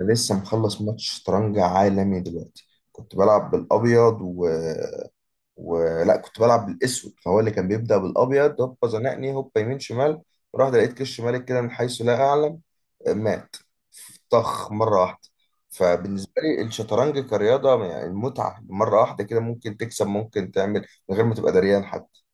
أنا لسه مخلص ماتش شطرنج عالمي دلوقتي. كنت بلعب بالابيض ولا كنت بلعب بالاسود، فهو اللي كان بيبدأ بالابيض. هوبا زنقني، هوبا يمين شمال، ورحت لقيت كش مالك كده من حيث لا اعلم. مات، طخ مرة واحدة. فبالنسبة لي الشطرنج كرياضة، يعني المتعة مرة واحدة كده، ممكن تكسب ممكن تعمل من غير ما تبقى دريان حتى.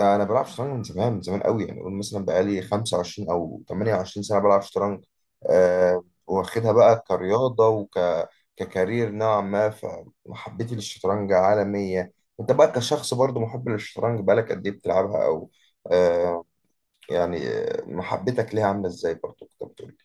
انا بلعب شطرنج من زمان، من زمان قوي، يعني اقول مثلا بقالي 25 او 28 سنه بلعب شطرنج. أه، واخدها بقى كرياضه ككارير نوعا ما، فمحبتي للشطرنج عالميه. انت بقى كشخص برضو محب للشطرنج، بقالك قد ايه بتلعبها أه؟ يعني محبتك ليها عامله ازاي؟ برضو كنت بتقول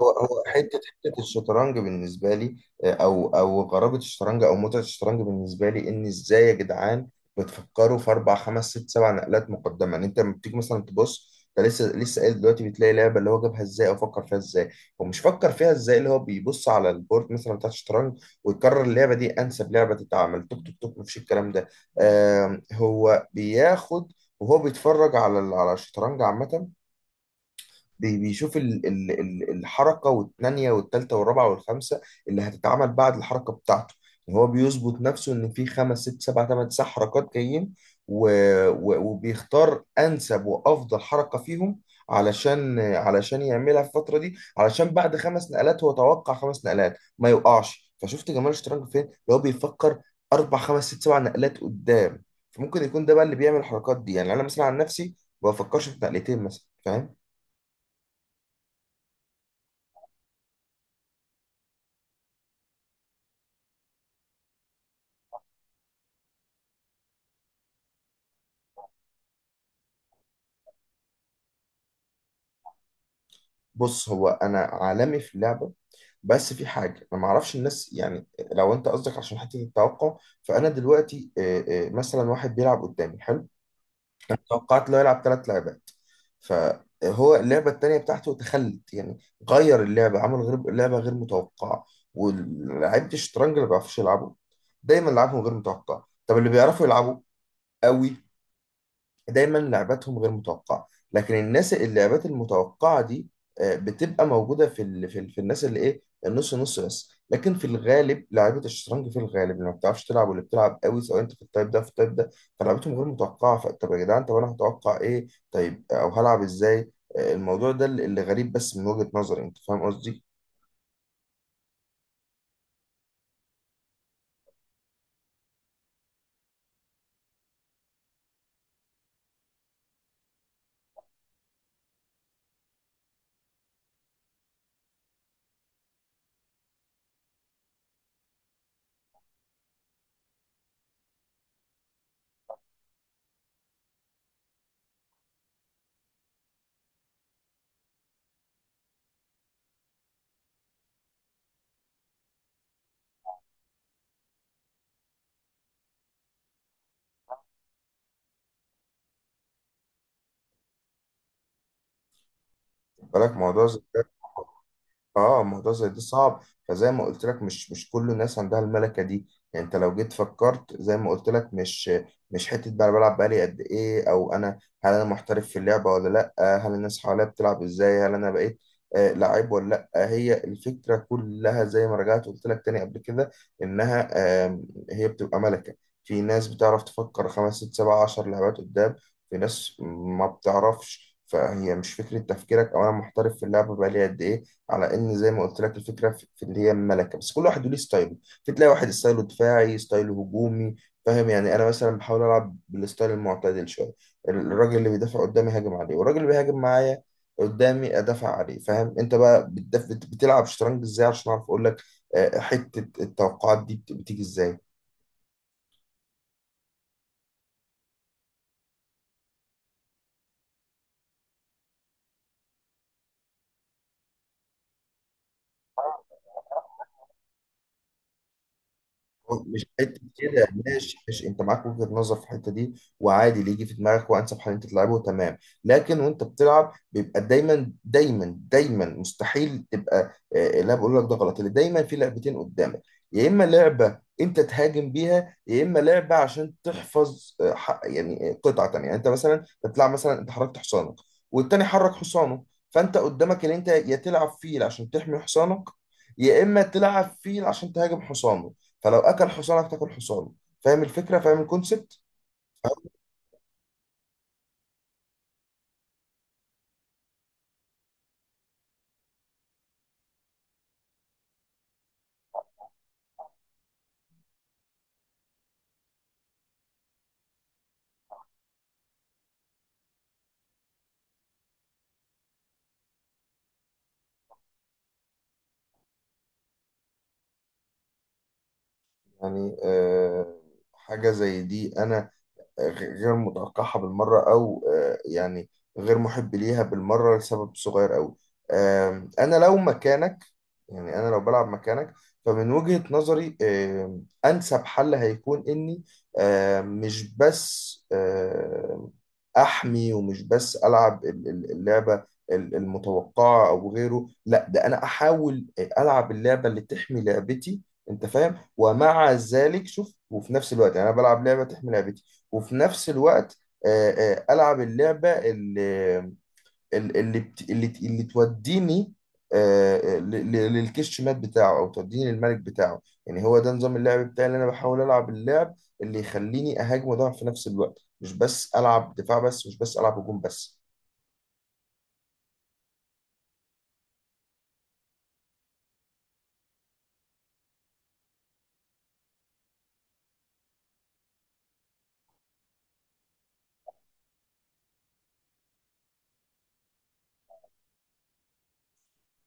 هو حته الشطرنج بالنسبه لي. او غرابه الشطرنج او متعه الشطرنج بالنسبه لي ان ازاي يا جدعان بتفكروا في اربع خمس ست سبع نقلات مقدمه؟ يعني انت لما بتيجي مثلا تبص، انت لسه قايل دلوقتي، بتلاقي لعبه اللي هو جابها ازاي او فكر فيها ازاي. هو مش فكر فيها ازاي، اللي هو بيبص على البورد مثلا بتاع الشطرنج ويقرر اللعبه دي انسب لعبه تتعمل، توك توك توك. مفيش الكلام ده. هو بياخد وهو بيتفرج على الشطرنج عامه، بيشوف الحركة والثانية والثالثة والرابعة والخامسة اللي هتتعمل بعد الحركة بتاعته. يعني هو بيظبط نفسه إن في خمس ست سبع تمن تسع حركات جايين، و- و- وبيختار أنسب وأفضل حركة فيهم علشان علشان يعملها في الفترة دي، علشان بعد خمس نقلات هو توقع خمس نقلات ما يوقعش. فشفت جمال الشطرنج فين؟ اللي هو بيفكر أربع خمس ست سبع نقلات قدام. فممكن يكون ده بقى اللي بيعمل الحركات دي. يعني أنا مثلا عن نفسي ما بفكرش في نقلتين مثلا، فاهم؟ بص، هو انا عالمي في اللعبه، بس في حاجه انا ما اعرفش الناس. يعني لو انت قصدك عشان حته التوقع، فانا دلوقتي مثلا واحد بيلعب قدامي حلو، توقعت له يلعب ثلاث لعبات، فهو اللعبه الثانيه بتاعته تخلت يعني، غير اللعبه، عمل غير لعبه، غير متوقعه. ولعيبه الشطرنج اللي ما بيعرفوش يلعبوا دايما لعبهم غير متوقع. طب اللي بيعرفوا يلعبوا قوي دايما لعباتهم غير متوقعه. لكن الناس اللعبات المتوقعه دي بتبقى موجوده في الناس اللي ايه النص نص بس. لكن في الغالب لعيبه الشطرنج في الغالب اللي ما بتعرفش تلعب واللي بتلعب قوي، سواء انت في التايب ده في التايب ده، فلعبتهم غير متوقعه. فطب يا جدعان طب انا هتوقع ايه؟ طيب او هلعب ازاي؟ الموضوع ده اللي غريب، بس من وجهه نظري. انت فاهم قصدي؟ بالك موضوع زي اه، موضوع زي ده صعب. فزي ما قلت لك، مش كل الناس عندها الملكه دي. يعني انت لو جيت فكرت زي ما قلت لك، مش حته بقى أنا بلعب بقالي قد ايه، او انا هل انا محترف في اللعبه ولا لا، هل الناس حواليا بتلعب ازاي، هل انا بقيت آه لعيب ولا. لا، هي الفكره كلها زي ما رجعت قلت لك تاني قبل كده، انها آه، هي بتبقى ملكه. في ناس بتعرف تفكر خمس ست سبع عشر لعبات قدام، في ناس ما بتعرفش. فهي مش فكرة تفكيرك أو أنا محترف في اللعبة بقالي قد إيه، على إن زي ما قلت لك الفكرة في اللي هي الملكة. بس كل واحد وليه ستايله. في تلاقي واحد ستايله دفاعي، ستايله هجومي. فاهم يعني؟ أنا مثلا بحاول ألعب بالستايل المعتدل شوية. الراجل اللي بيدافع قدامي هاجم عليه، والراجل اللي بيهاجم معايا قدامي أدافع عليه، فاهم؟ أنت بقى بتلعب شطرنج إزاي عشان أعرف أقول لك؟ حتة التوقعات دي بتيجي إزاي؟ مش حته كده، ماشي ماشي، انت معاك وجهه نظر في الحته دي، وعادي اللي يجي في دماغك وانسب حل انت تلعبه، تمام. لكن وانت بتلعب بيبقى دايما مستحيل تبقى، لا بقول لك ده غلط، اللي دايما في لعبتين قدامك، يا اما لعبه انت تهاجم بيها، يا اما لعبه عشان تحفظ قطعه تانيه. يعني انت مثلا بتلعب، مثلا انت حركت حصانك والتاني حرك حصانه، فانت قدامك اللي انت يا تلعب فيل عشان تحمي حصانك، يا اما تلعب فيل عشان تهاجم حصانه، فلو اكل حصانك تاكل حصانه. فاهم الفكره؟ فاهم الكونسبت؟ يعني حاجه زي دي انا غير متوقعها بالمرة، أو يعني غير محب ليها بالمرة لسبب صغير أوي. أنا لو مكانك، يعني أنا لو بلعب مكانك، فمن وجهة نظري أنسب حل هيكون إني آم، مش بس آم، أحمي، ومش بس ألعب اللعبة المتوقعة أو غيره، لا ده أنا أحاول ألعب اللعبة اللي تحمي لعبتي، أنت فاهم؟ ومع ذلك شوف، وفي نفس الوقت، يعني انا بلعب لعبه تحمي لعبتي، وفي نفس الوقت العب اللعبه اللي توديني للكش مات بتاعه او توديني للملك بتاعه. يعني هو ده نظام اللعب بتاعي، اللي انا بحاول العب اللعب اللي يخليني اهاجم وادافع في نفس الوقت، مش بس العب دفاع بس، مش بس العب هجوم بس.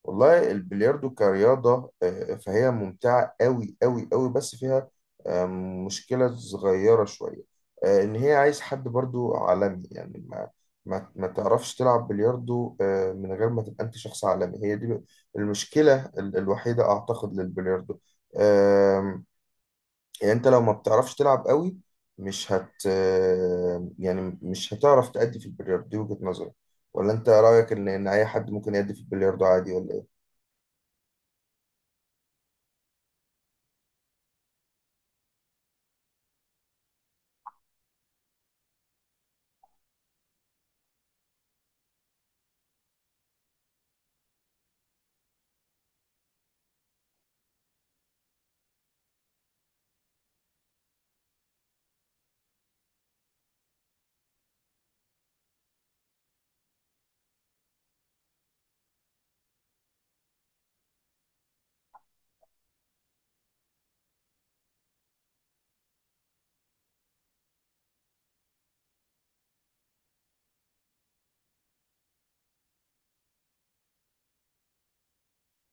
والله البلياردو كرياضة فهي ممتعة أوي، بس فيها آه، مشكلة صغيرة شوية، إن هي عايز حد برضو عالمي. يعني ما تعرفش تلعب بلياردو من غير ما تبقى أنت شخص عالمي. هي دي المشكلة الوحيدة أعتقد للبلياردو. آم، يعني أنت لو ما بتعرفش تلعب أوي، مش هت آه، يعني مش هتعرف تأدي في البلياردو، دي وجهة نظري. ولا أنت رأيك إن إن أي حد ممكن يأدي في البلياردو عادي ولا؟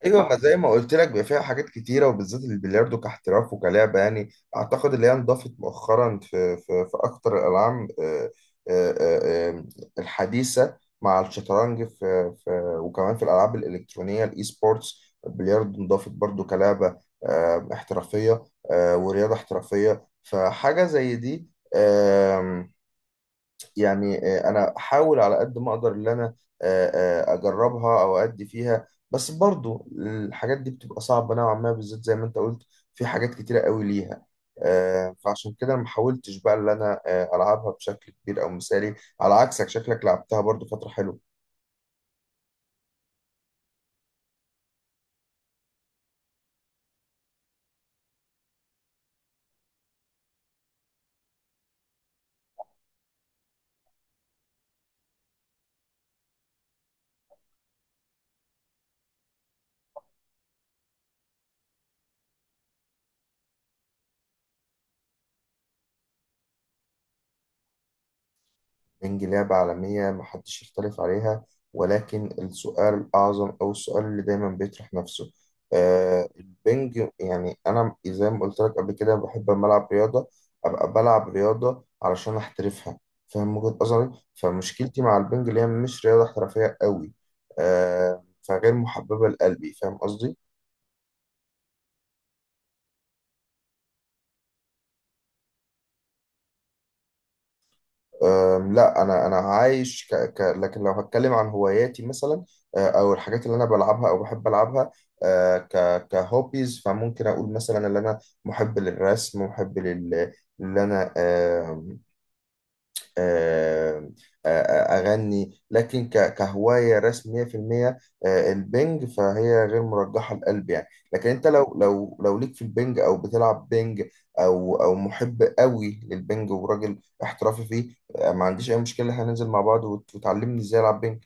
ايوه، ما زي ما قلت لك بيبقى فيها حاجات كتيره، وبالذات البلياردو كاحتراف وكلعبه. يعني اعتقد اللي هي انضافت مؤخرا في في اكتر الالعاب آه، آه، آه، الحديثه مع الشطرنج في، وكمان في الالعاب الالكترونيه الاي سبورتس البلياردو انضافت برضو كلعبه احترافيه ورياضه احترافيه. فحاجه زي دي، يعني انا احاول على قد ما اقدر ان انا آه، اجربها او ادي فيها. بس برضو الحاجات دي بتبقى صعبة نوعا ما، بالذات زي ما انت قلت في حاجات كتيرة قوي ليها، فعشان كده أنا ما حاولتش بقى ان انا العبها بشكل كبير او مثالي، على عكسك شكلك لعبتها برضو فترة حلوة. بنج لعبة عالمية محدش يختلف عليها، ولكن السؤال الأعظم أو السؤال اللي دايما بيطرح نفسه، آه، البنج، يعني أنا زي ما قلت لك قبل كده بحب لما ألعب رياضة أبقى بلعب رياضة علشان أحترفها، فاهم وجهة نظري؟ فمشكلتي مع البنج اللي هي مش رياضة احترافية قوي، آه، فغير محببة لقلبي، فاهم قصدي؟ لا، انا عايش لكن لو هتكلم عن هواياتي مثلا، او الحاجات اللي انا بلعبها او بحب العبها كهوبيز، فممكن اقول مثلا ان انا محب للرسم، محب لل اللي انا آه، آه، آه، آه، أغني، لكن كهواية رسم 100%. البنج فهي غير مرجحة لقلبي يعني، لكن أنت لو لو ليك في البنج أو بتلعب بنج أو محب قوي للبنج وراجل احترافي فيه، ما عنديش أي مشكلة، هننزل مع بعض وتعلمني إزاي ألعب بنج.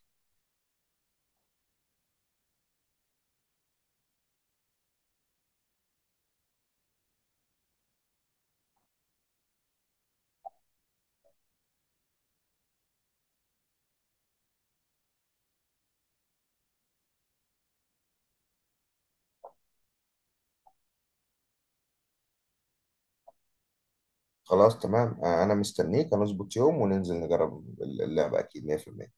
خلاص تمام، أنا مستنيك، هنظبط يوم وننزل نجرب اللعبة أكيد 100%.